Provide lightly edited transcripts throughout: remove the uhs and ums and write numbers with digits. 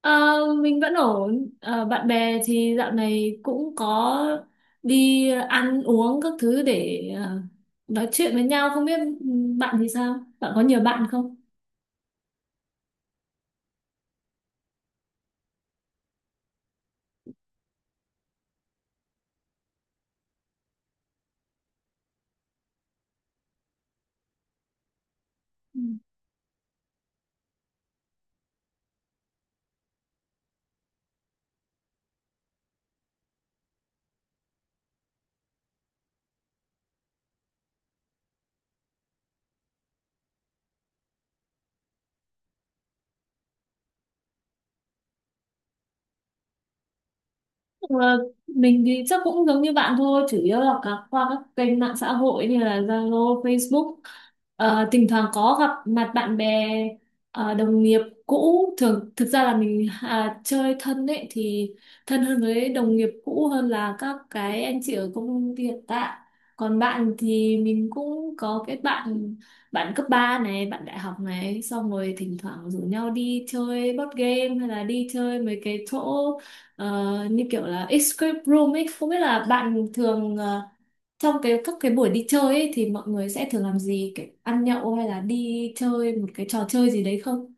Ờ, mình vẫn ổn. Ờ, Bạn bè thì dạo này cũng có đi ăn uống các thứ để nói chuyện với nhau. Không biết bạn thì sao? Bạn có nhiều bạn không? Ờ, mình thì chắc cũng giống như bạn thôi, chủ yếu là qua các kênh mạng xã hội như là Zalo, Facebook. Thỉnh thoảng có gặp mặt bạn bè, đồng nghiệp cũ. Thường thực ra là mình chơi thân ấy thì thân hơn với đồng nghiệp cũ hơn là các cái anh chị ở công ty hiện tại. Còn bạn thì mình cũng có cái bạn bạn cấp 3 này, bạn đại học này, xong rồi thỉnh thoảng rủ nhau đi chơi board game hay là đi chơi mấy cái chỗ như kiểu là escape room ấy. Không biết là bạn thường trong các cái buổi đi chơi ấy thì mọi người sẽ thường làm gì, kiểu ăn nhậu hay là đi chơi một cái trò chơi gì đấy không?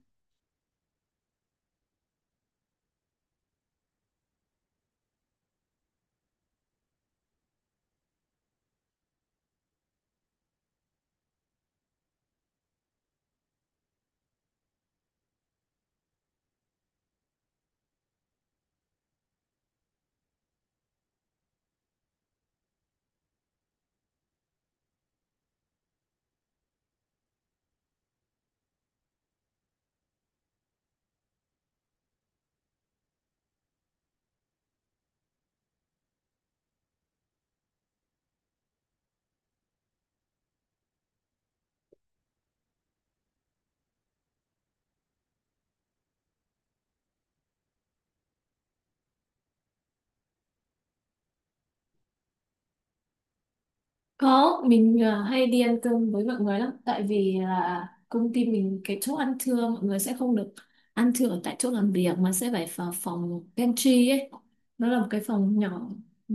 Có, mình hay đi ăn cơm với mọi người lắm, tại vì là công ty mình cái chỗ ăn trưa mọi người sẽ không được ăn trưa ở tại chỗ làm việc mà sẽ phải vào phòng pantry ấy, nó là một cái phòng nhỏ. Ừ.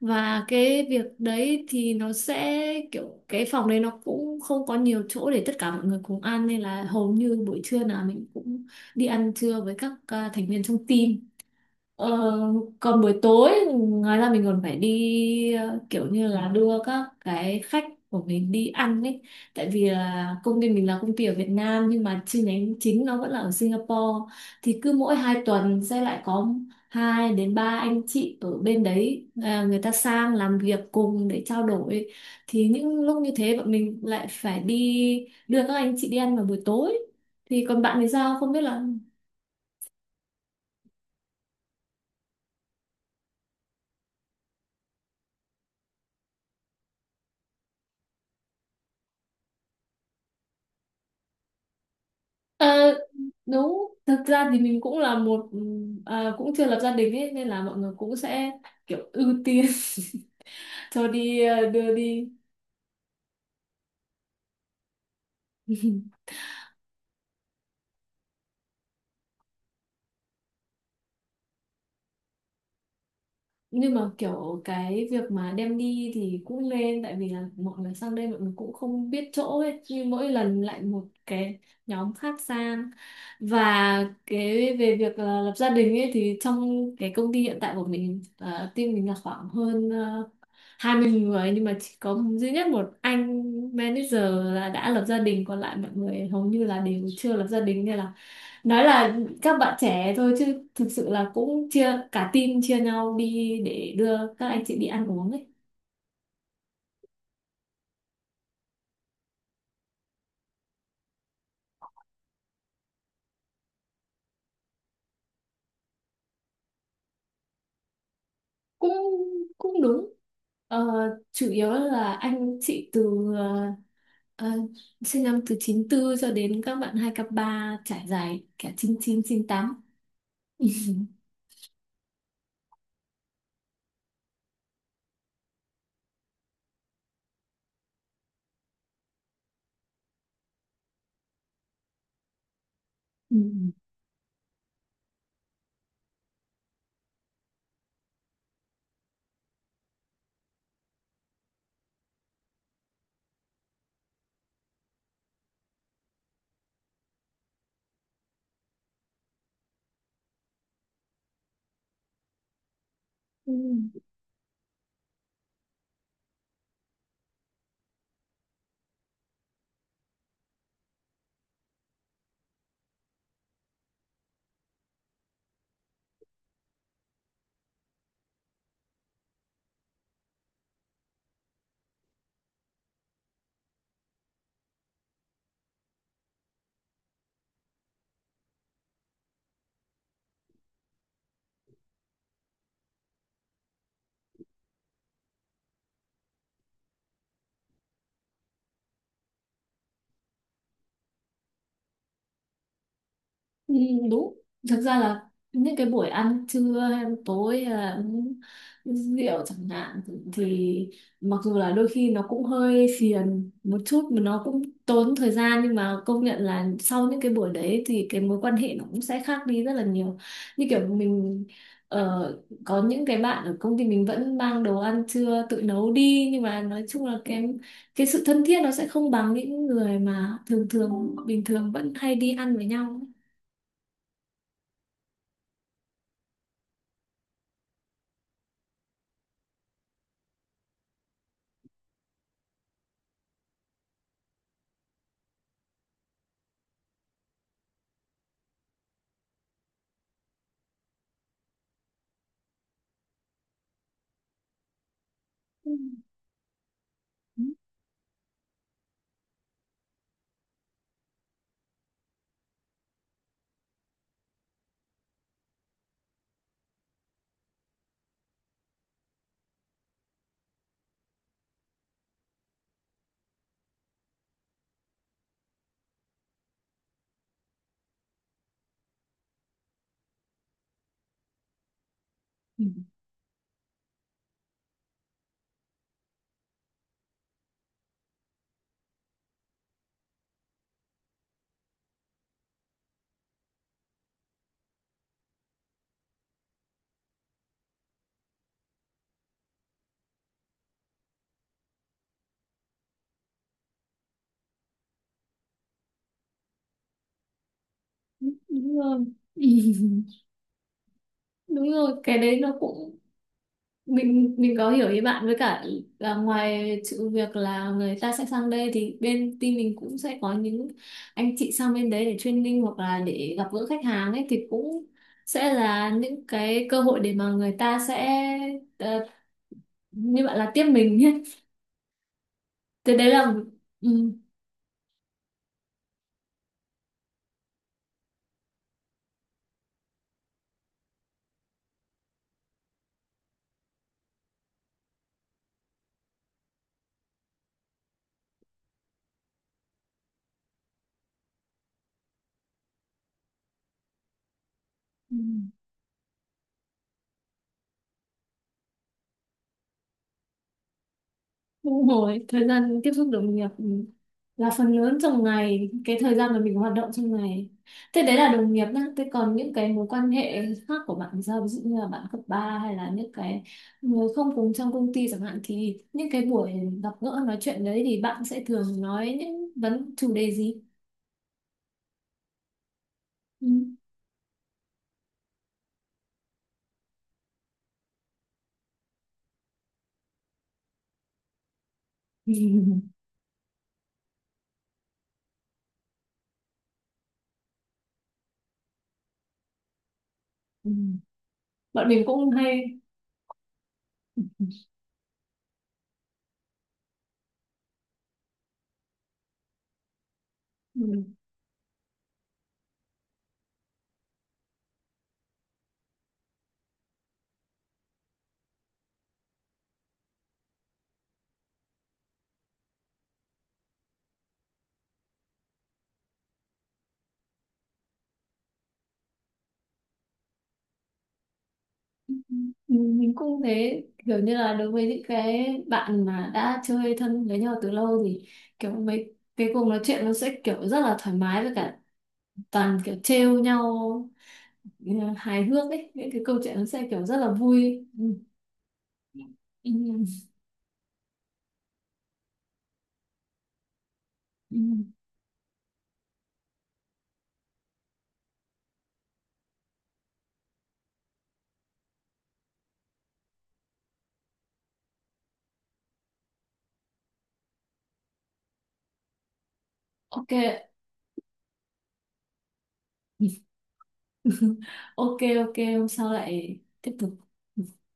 Và cái việc đấy thì nó sẽ kiểu cái phòng đấy nó cũng không có nhiều chỗ để tất cả mọi người cùng ăn, nên là hầu như buổi trưa nào mình cũng đi ăn trưa với các thành viên trong team. Ờ, Còn buổi tối, ngoài ra mình còn phải đi kiểu như là đưa các cái khách của mình đi ăn ấy, tại vì là công ty mình là công ty ở Việt Nam nhưng mà chi nhánh chính nó vẫn là ở Singapore. Thì cứ mỗi hai tuần sẽ lại có hai đến ba anh chị ở bên đấy người ta sang làm việc cùng để trao đổi. Thì những lúc như thế bọn mình lại phải đi đưa các anh chị đi ăn vào buổi tối. Thì còn bạn thì sao không biết là. Ờ, Đúng, thực ra thì mình cũng là một cũng chưa lập gia đình ấy nên là mọi người cũng sẽ kiểu ưu tiên cho đi đưa đi. Nhưng mà kiểu cái việc mà đem đi thì cũng nên, tại vì là mọi người sang đây mọi người cũng không biết chỗ ấy, như mỗi lần lại một cái nhóm khác sang. Và cái về việc là lập gia đình ấy thì trong cái công ty hiện tại của mình team mình là khoảng hơn 20 người nhưng mà chỉ có duy nhất một anh manager là đã lập gia đình, còn lại mọi người hầu như là đều chưa lập gia đình, nên là nói là các bạn trẻ thôi chứ thực sự là cũng chia cả team, chia nhau đi để đưa các anh chị đi ăn uống ấy. Cũng cũng đúng, ờ, chủ yếu là anh chị từ ờ, sinh năm từ 94 cho đến các bạn 2k3, trải dài cả 98. Ừ. Ừ. Ừ, đúng. Thực ra là những cái buổi ăn trưa hay tối hay là uống rượu chẳng hạn thì mặc dù là đôi khi nó cũng hơi phiền một chút mà nó cũng tốn thời gian, nhưng mà công nhận là sau những cái buổi đấy thì cái mối quan hệ nó cũng sẽ khác đi rất là nhiều. Như kiểu mình có những cái bạn ở công ty mình vẫn mang đồ ăn trưa tự nấu đi nhưng mà nói chung là cái sự thân thiết nó sẽ không bằng những người mà thường thường bình thường vẫn hay đi ăn với nhau. Ừ. Ừ. Đúng rồi. Đúng rồi, cái đấy nó cũng mình có hiểu ý bạn, với cả là ngoài sự việc là người ta sẽ sang đây thì bên team mình cũng sẽ có những anh chị sang bên đấy để training hoặc là để gặp gỡ khách hàng ấy, thì cũng sẽ là những cái cơ hội để mà người ta sẽ ờ, như bạn là tiếp mình nhé. Thế đấy là. Ừ. Ừ. Đúng rồi, thời gian tiếp xúc đồng nghiệp là phần lớn trong ngày, cái thời gian mà mình hoạt động trong ngày. Thế đấy là đồng nghiệp nhá, thế còn những cái mối quan hệ khác của bạn thì sao? Ví dụ như là bạn cấp 3 hay là những cái người không cùng trong công ty chẳng hạn thì những cái buổi gặp gỡ nói chuyện đấy thì bạn sẽ thường nói những chủ đề gì? Ừ. Ừ. Bọn mình cũng hay. Ừ. Ừ, mình cũng thế, kiểu như là đối với những cái bạn mà đã chơi thân với nhau từ lâu thì kiểu mấy cái cuộc nói chuyện nó sẽ kiểu rất là thoải mái, với cả toàn kiểu trêu nhau hài hước ấy, những cái câu chuyện nó sẽ kiểu rất là vui. Ừ. Ừ. Ừ. Ok. Ok. Ok hôm sau lại tiếp tục. Ừ.